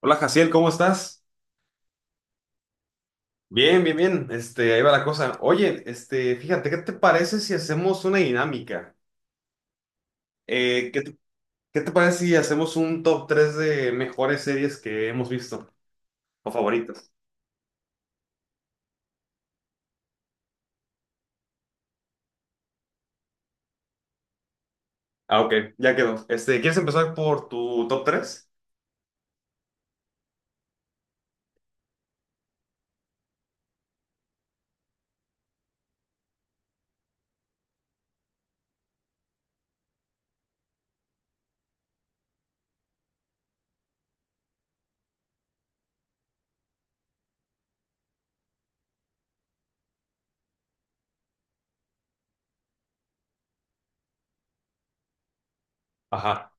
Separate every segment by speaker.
Speaker 1: Hola, Jaciel, ¿cómo estás? Bien, bien, bien. Este, ahí va la cosa. Oye, este, fíjate, ¿qué te parece si hacemos una dinámica? Eh, ¿qué te, qué te parece si hacemos un top 3 de mejores series que hemos visto o favoritas? Ah, ok, ya quedó. Este, ¿quieres empezar por tu top tres? Ajá.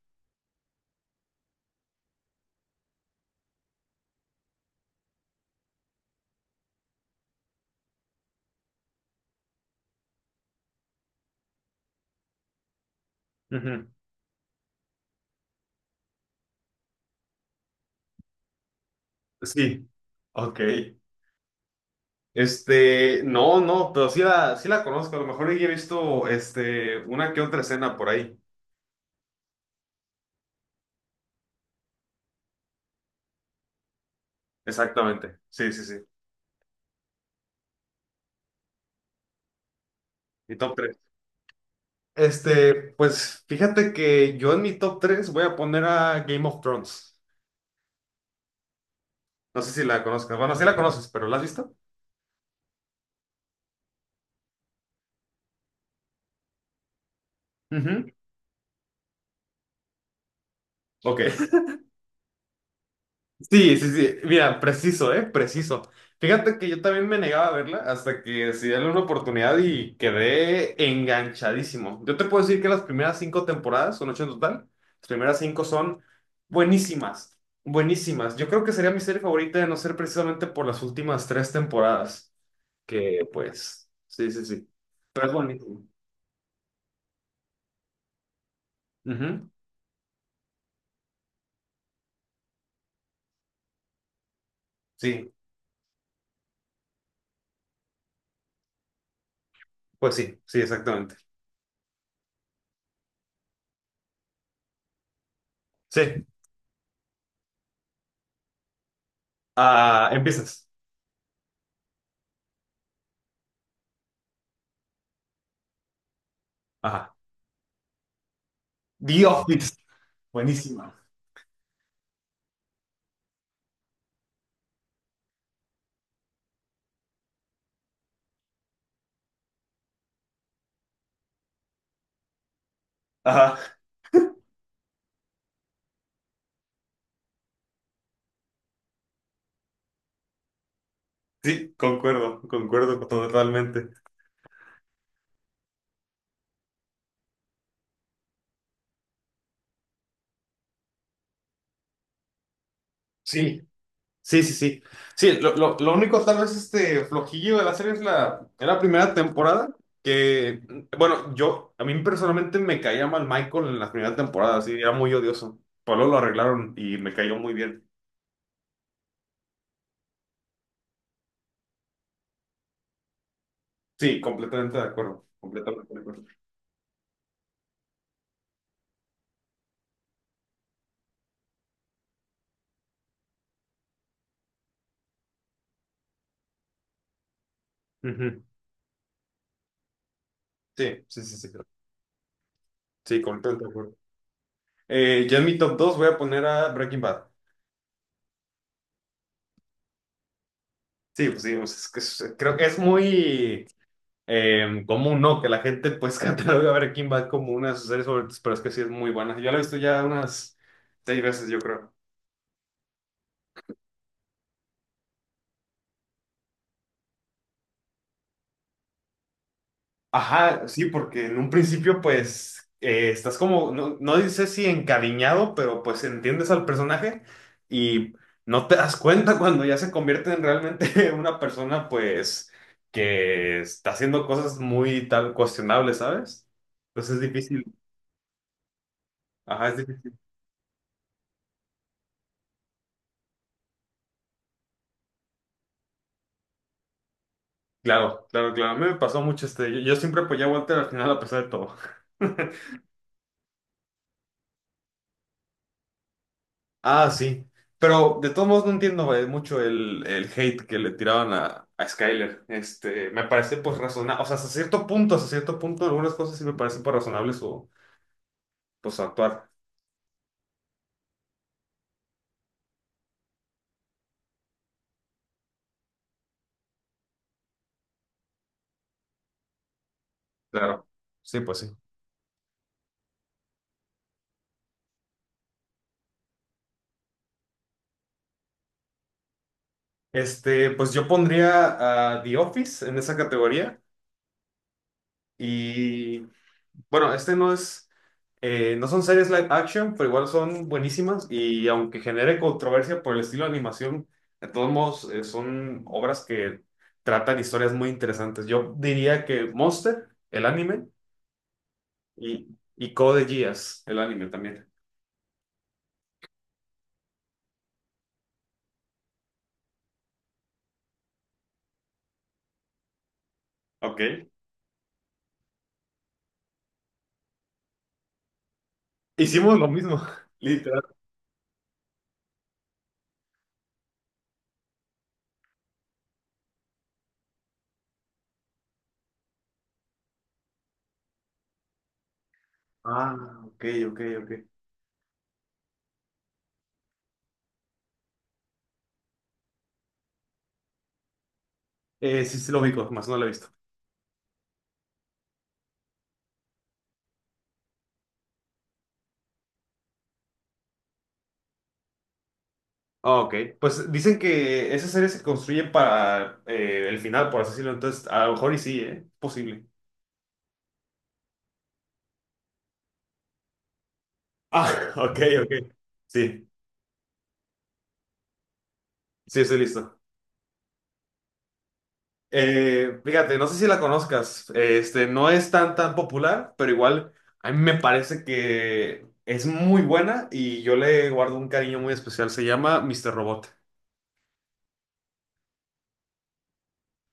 Speaker 1: Ujú. Sí. Ok. Este, no, no, pero sí la conozco. A lo mejor ya he visto, este, una que otra escena por ahí. Exactamente. Sí, sí, sí. Mi top 3. Este, pues fíjate que yo en mi top 3 voy a poner a Game of Thrones. No sé si la conozcas. Bueno, sí la conoces, pero ¿la has visto? Ujú. Ok. Sí, sí, sí. Mira, preciso, ¿eh? Preciso. Fíjate que yo también me negaba a verla hasta que decidí darle una oportunidad y quedé enganchadísimo. Yo te puedo decir que las primeras cinco temporadas, son ocho en total, las primeras cinco son buenísimas, buenísimas. Yo creo que sería mi serie favorita de no ser precisamente por las últimas tres temporadas, que pues, sí, sí, sí. Pero es bonito. Ujú. Sí, pues sí, sí, exactamente. Sí, ah, empiezas. Ajá. The Office. Buenísima. Ajá, sí, concuerdo, concuerdo totalmente. Sí, sí, sí, sí. Sí, lo único tal vez este flojillo de la serie es la primera temporada, que, bueno, yo, a mí personalmente me caía mal Michael en la primera temporada, así era muy odioso. Pero luego lo arreglaron y me cayó muy bien. Sí, completamente de acuerdo. Completamente de acuerdo. Ujú. Sí, sí, sí, sí. Sí, completamente de acuerdo. Yo en mi top 2 voy a poner a Breaking Bad. Sí, pues, creo que es muy común, ¿no? Que la gente pues catalogue a Breaking Bad como una de sus series favoritas, pero es que sí es muy buena. Yo la he visto ya unas seis veces, yo creo. Ajá, sí, porque en un principio pues estás como, no, no dice si encariñado, pero pues entiendes al personaje y no te das cuenta cuando ya se convierte en realmente una persona pues que está haciendo cosas muy tal cuestionables, ¿sabes? Entonces es difícil. Ajá, es difícil. Claro, claro, claro. A mí me pasó mucho este. Yo siempre apoyé a Walter al final a pesar de todo. Ah, sí. Pero de todos modos no entiendo mucho el hate que le tiraban a Skyler. Este, me parece pues razonable. O sea, hasta cierto punto, algunas cosas sí me parecen pues razonables o pues su actuar. Claro. Sí, pues sí. Este, pues yo pondría a The Office en esa categoría. Y bueno, este no es, no son series live action, pero igual son buenísimas y aunque genere controversia por el estilo de animación, de todos modos son obras que tratan historias muy interesantes. Yo diría que Monster, el anime, y, y Code Geass, el anime también. Ok. Hicimos lo mismo, literal. Ah, ok, ok, ok. Sí, sí lo ubico, más no lo he visto. Ah, ok. Pues dicen que esa serie se construye para el final, por así decirlo, entonces a lo mejor y sí, ¿eh? Posible. Ah, ok, ok. Sí, sí, estoy listo. Fíjate, no sé si la conozcas. Este, no es tan tan popular, pero igual a mí me parece que es muy buena y yo le guardo un cariño muy especial. Se llama Mister Robot.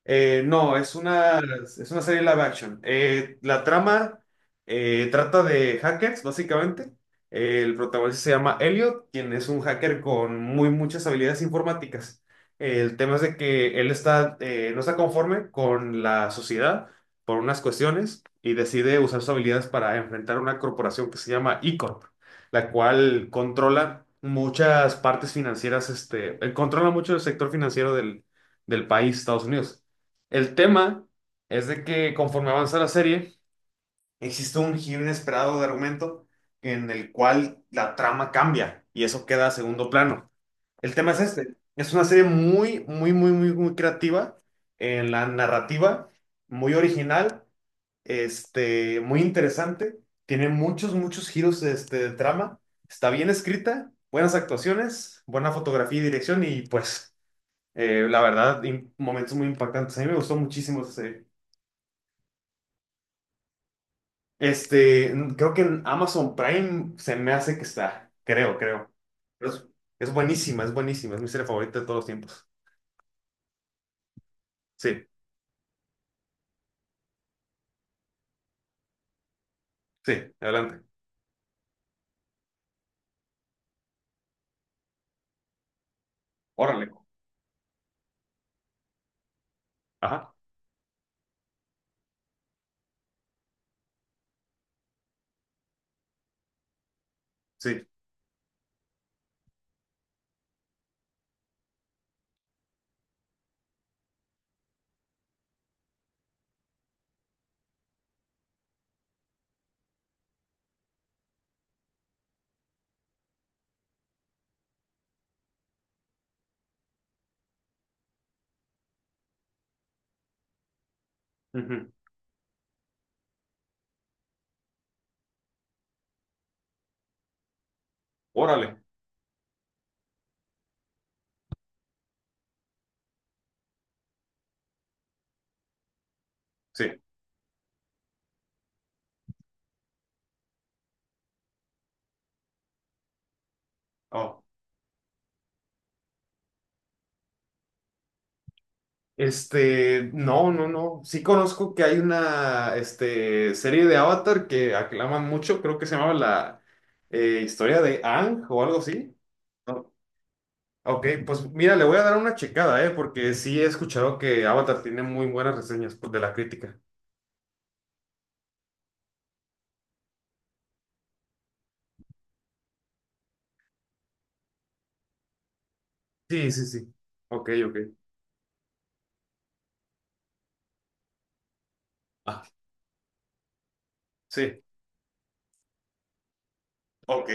Speaker 1: No, es una serie live action. La trama trata de hackers, básicamente. El protagonista se llama Elliot, quien es un hacker con muy muchas habilidades informáticas. El tema es de que él está, no está conforme con la sociedad por unas cuestiones y decide usar sus habilidades para enfrentar una corporación que se llama E-Corp, la cual controla muchas partes financieras, este, controla mucho el sector financiero del país, Estados Unidos. El tema es de que conforme avanza la serie, existe un giro inesperado de argumento en el cual la trama cambia y eso queda a segundo plano. El tema es este. Es una serie muy, muy, muy, muy, muy creativa en la narrativa, muy original, este, muy interesante. Tiene muchos, muchos giros este, de trama. Está bien escrita, buenas actuaciones, buena fotografía y dirección y pues la verdad, momentos muy impactantes. A mí me gustó muchísimo esa serie. Este, creo que en Amazon Prime se me hace que está, creo, creo. Pero es buenísima, es buenísima, es mi serie favorita de todos los tiempos. Sí, sí, adelante. Órale. Ajá, sí. Ujú, órale, sí. Oh. Este, no, no, no. Sí conozco que hay una, este, serie de Avatar que aclaman mucho, creo que se llamaba la historia de Aang o algo así. Ok, pues mira, le voy a dar una checada, ¿eh? Porque sí he escuchado que Avatar tiene muy buenas reseñas pues, de la crítica. Sí, sí, sí. Ok, ok. Ah, sí. Ok.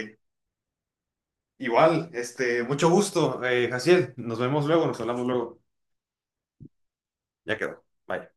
Speaker 1: Igual, este, mucho gusto, Jaciel. Nos vemos luego, nos hablamos luego. Ya quedó. Bye.